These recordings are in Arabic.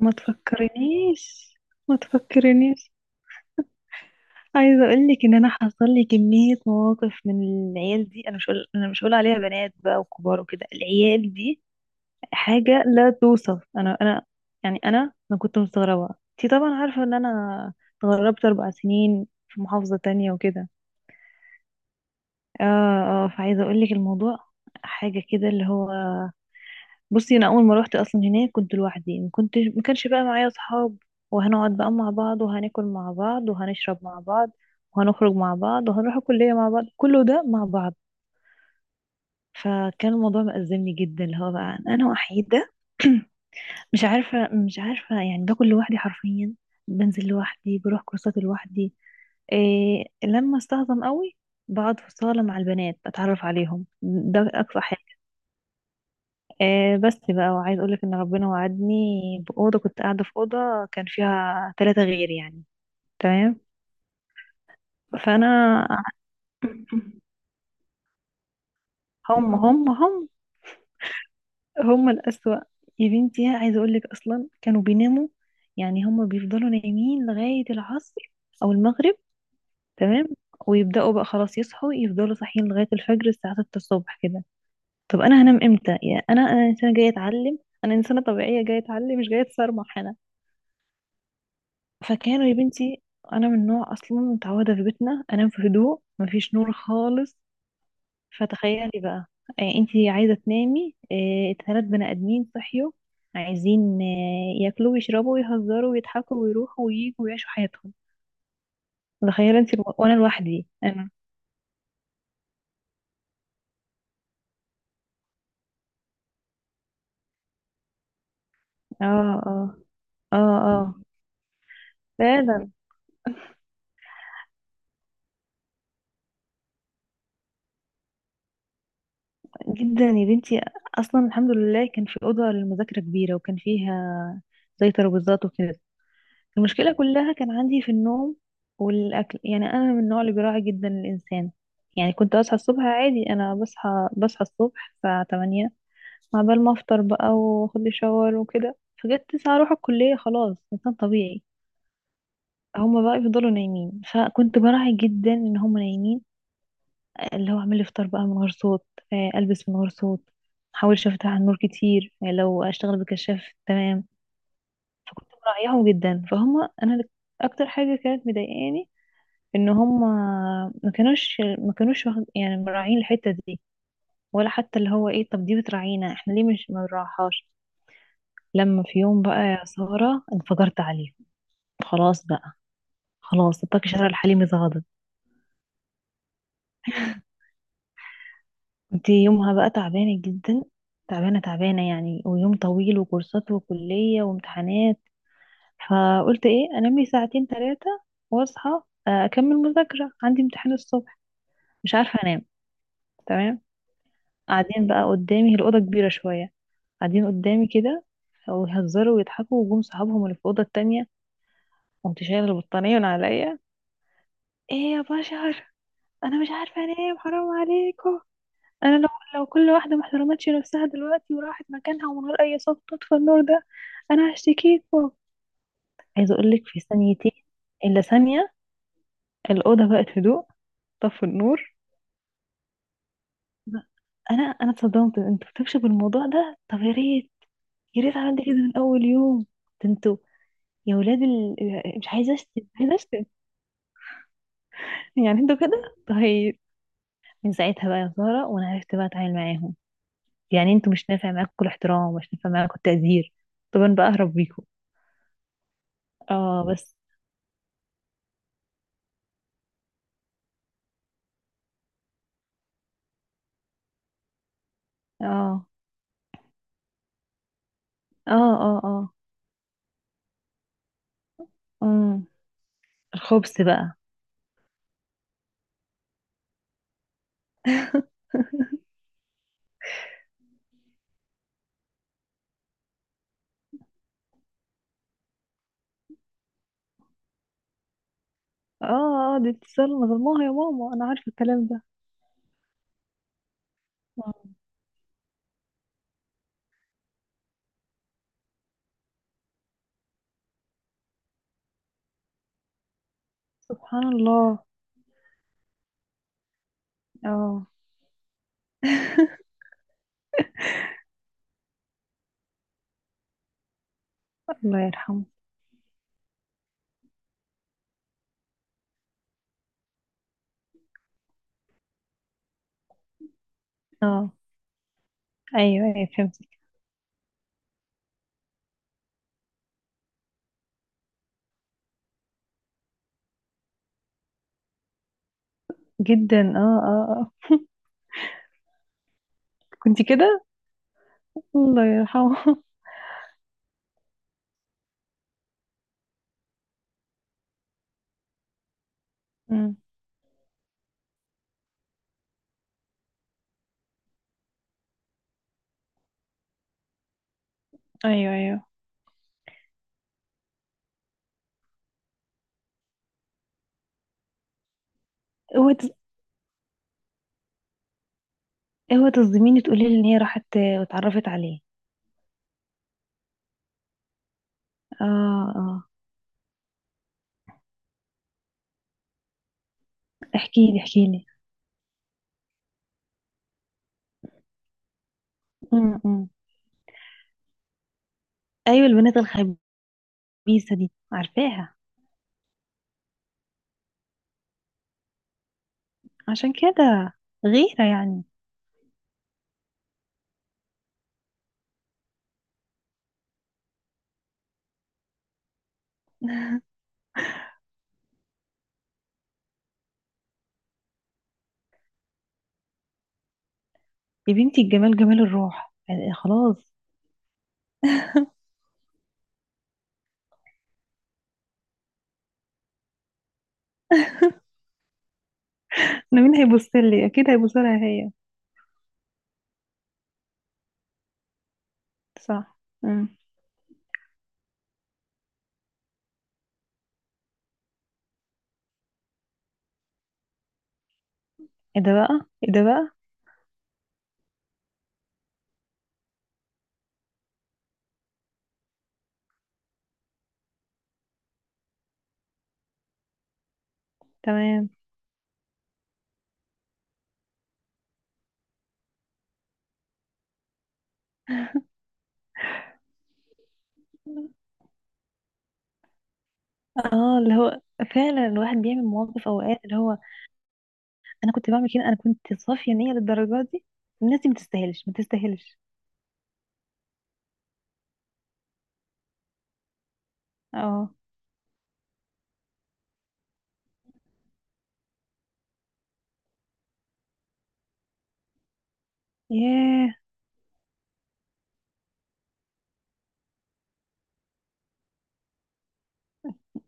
ما تفكرنيش. ما تفكرنيش. عايزه اقول لك ان انا حصل لي كميه مواقف من العيال دي، انا مش هقول عليها بنات بقى وكبار وكده، العيال دي حاجه لا توصف. انا يعني انا كنت مستغربه. انتي طبعا عارفه ان انا اتغربت 4 سنين في محافظه تانية وكده. اه، اه، فعايزه اقول لك الموضوع حاجه كده اللي هو، بصي، انا اول ما روحت اصلا هناك كنت لوحدي، ما كانش بقى معايا اصحاب، وهنقعد بقى مع بعض وهناكل مع بعض وهنشرب مع بعض وهنخرج مع بعض وهنروح الكلية مع بعض، كله ده مع بعض. فكان الموضوع مأزمني جدا، اللي هو بقى انا وحيدة. مش عارفة، مش عارفة، يعني باكل لوحدي حرفيا، بنزل لوحدي، بروح كورسات لوحدي، إيه لما استهضم قوي، بقعد في الصالة مع البنات، اتعرف عليهم، ده اقصى. آه بس بقى. وعايز اقولك ان ربنا وعدني بأوضة، كنت قاعدة في أوضة كان فيها ثلاثة غير يعني. تمام. فانا هم، هم، هم، هم الأسوأ. يا بنتي عايزة أقولك، أصلا كانوا بيناموا، يعني هم بيفضلوا نايمين لغاية العصر أو المغرب. تمام. ويبدأوا بقى، خلاص، يصحوا، يفضلوا صاحيين لغاية الفجر الساعة 6 الصبح كده. طب أنا هنام إمتى؟ يا أنا، أنا إنسانة جاية أتعلم، أنا إنسانة طبيعية جاية أتعلم، مش جاية أتسرمح. فكانوا يا بنتي، انا من نوع اصلا متعوده في بيتنا انام في هدوء، مفيش نور خالص. فتخيلي بقى، انتي عايزه تنامي، ثلاث بني ادمين صحيوا، عايزين ياكلوا ويشربوا ويهزروا ويضحكوا ويروحوا وييجوا ويعيشوا حياتهم. تخيلي انتي، وانا لوحدي انا. اه، اه، اه، اه، فعلا. جدا يا بنتي. اصلا الحمد لله كان في اوضه للمذاكره كبيره، وكان فيها زي ترابيزات وكده. المشكلة كلها كان عندي في النوم والأكل. يعني أنا من النوع اللي بيراعي جدا الإنسان. يعني كنت أصحى الصبح عادي، أنا بصحى الصبح الساعة 8، مع بال ما أفطر بقى وأخد لي شاور وكده، فجت 9 أروح الكلية، خلاص إنسان طبيعي. هما بقى يفضلوا نايمين، فكنت براعي جدا إن هما نايمين، اللي هو أعمل إفطار بقى من غير صوت، ألبس من غير صوت، محاولش أفتح النور كتير، لو أشتغل بكشاف. تمام. فكنت مراعياهم جدا فهم أنا. أكتر حاجة كانت مضايقاني ان هم ما كانوش يعني مراعين الحتة دي، ولا حتى اللي هو ايه، طب دي بتراعينا احنا، ليه مش ما بنراعيهاش؟ لما في يوم بقى يا سارة، انفجرت عليهم. خلاص بقى، خلاص، الطاقة شارع الحليمي اتغضب. انت يومها بقى تعبانة جدا، تعبانة تعبانة يعني، ويوم طويل وكورسات وكلية وامتحانات. فقلت ايه، انام لي ساعتين ثلاثة واصحى، اكمل مذاكرة، عندي امتحان الصبح. مش عارفة انام. تمام. قاعدين بقى قدامي، هي الأوضة كبيرة شوية، قاعدين قدامي كده، ويهزروا ويضحكوا، وجم صحابهم اللي في الأوضة التانية. قمت شايلة البطانية من عليا، ايه يا بشر، انا مش عارفة انام، حرام عليكم. انا لو، لو كل واحدة ما احترمتش نفسها دلوقتي وراحت مكانها ومن غير اي صوت تطفى النور ده، انا هشتكيكوا. عايزة اقولك في ثانيتين، الا ثانية، الأوضة بقت هدوء، طفوا النور. انا اتصدمت. انتوا بتكشفوا الموضوع ده؟ طب يا ريت، يا ريت عملت كده من اول يوم. ده انتوا يا ولاد مش عايزه اشتم، مش عايزه اشتم، يعني انتوا كده طيب؟ من ساعتها بقى يا ساره، وانا عرفت بقى اتعامل معاهم. يعني انتوا مش نافع معاكم الاحترام ومش نافع معاكم التقدير، طب انا بقى اهرب بيكم. اه بس. اه، اه، اه، اه. امم الخبز بقى. اه، اه، دي اتصال ظلموها يا ماما، انا عارفه الكلام ده. آه، سبحان الله. اه. الله يرحمه. اه، ايوه، ايوه، فهمتك. جدا. اه، اه، اه. كنت كده. الله يرحمه. ايوه، ايوه. اوعي تص- اوعي تصدميني، تقولي لي ان هي راحت واتعرفت عليه. اه، اه، احكي لي، احكي لي. امم. ايوه البنات الخبيثه دي عارفاها. عشان كده، غيره يعني. يا بنتي، الجمال جمال الروح يعني، خلاص. انا مين هيبص لي، اكيد هيبص لها هي. صح. امم. ايه ده بقى، ايه ده بقى؟ تمام. اه، اللي هو فعلا الواحد بيعمل مواقف اوقات، اللي هو انا كنت بعمل كده، انا كنت صافيه نيه للدرجه دي. الناس دي ما تستاهلش، ما تستاهلش. اه. ياه.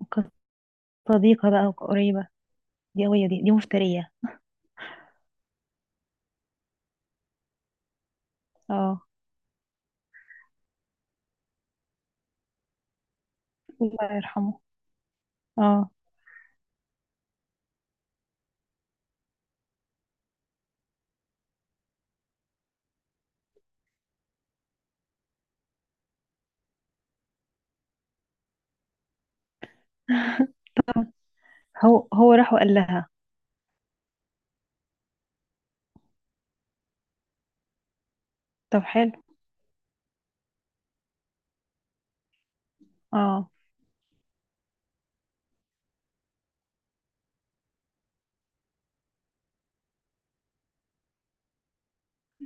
وكانت صديقة بقى وقريبة. دي قوية، دي مفترية. اه. الله يرحمه. اه. هو راح وقال لها؟ طب حلو. اه.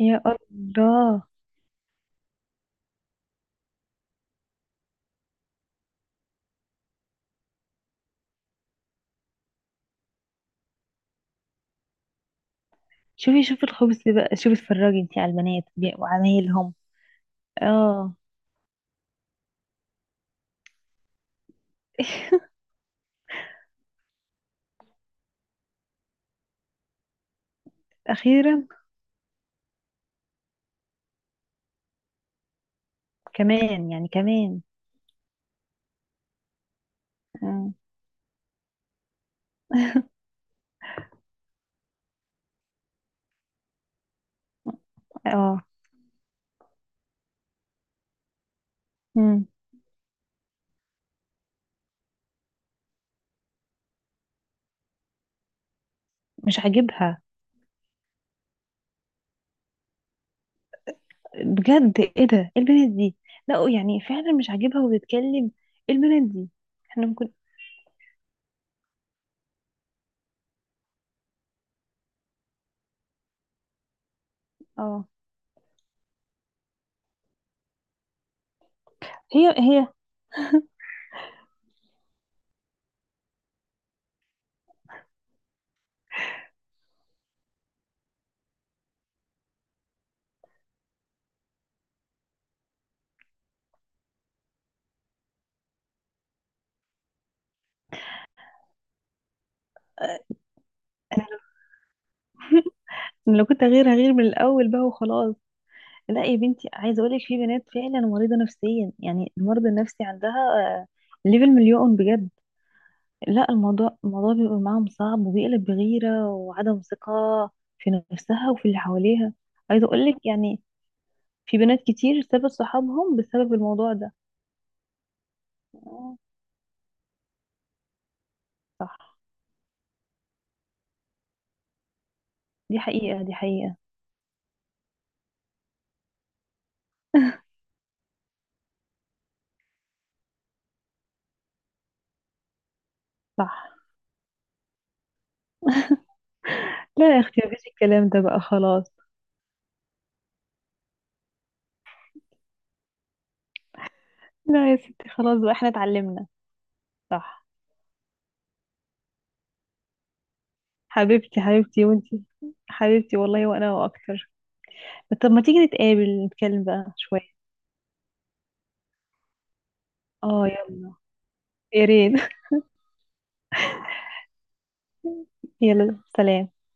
يا الله. شوفي، شوفي الخبز بقى، شوفي، اتفرجي انتي على البنات وعمايلهم. اه. اخيرا. كمان يعني كمان. مم. اه. مم. مش عاجبها. بجد، ايه ده؟ ايه البنت دي؟ لا يعني فعلا مش عاجبها وبتتكلم. ايه البنت دي؟ احنا ممكن. اه. هي، هي. أنا لو كنت هغير، هغير من الاول بقى وخلاص. لا يا بنتي، عايزه اقول لك، في بنات فعلا مريضه نفسيا، يعني المرض النفسي عندها آه، ليفل مليون بجد. لا، الموضوع، الموضوع بيبقى معاهم صعب، وبيقلب بغيره وعدم ثقه في نفسها وفي اللي حواليها. عايزه اقول لك يعني، في بنات كتير سابت صحابهم بسبب الموضوع ده. آه، صح. دي حقيقه، دي حقيقه. صح. لا يا اختي، مفيش الكلام ده بقى، خلاص. لا يا ستي، خلاص بقى، احنا اتعلمنا. صح. حبيبتي، حبيبتي، وانتي حبيبتي والله، وانا واكتر. طب ما تيجي نتقابل، نتكلم بقى شوية. اه يلا، يا ريت. يلا سلام.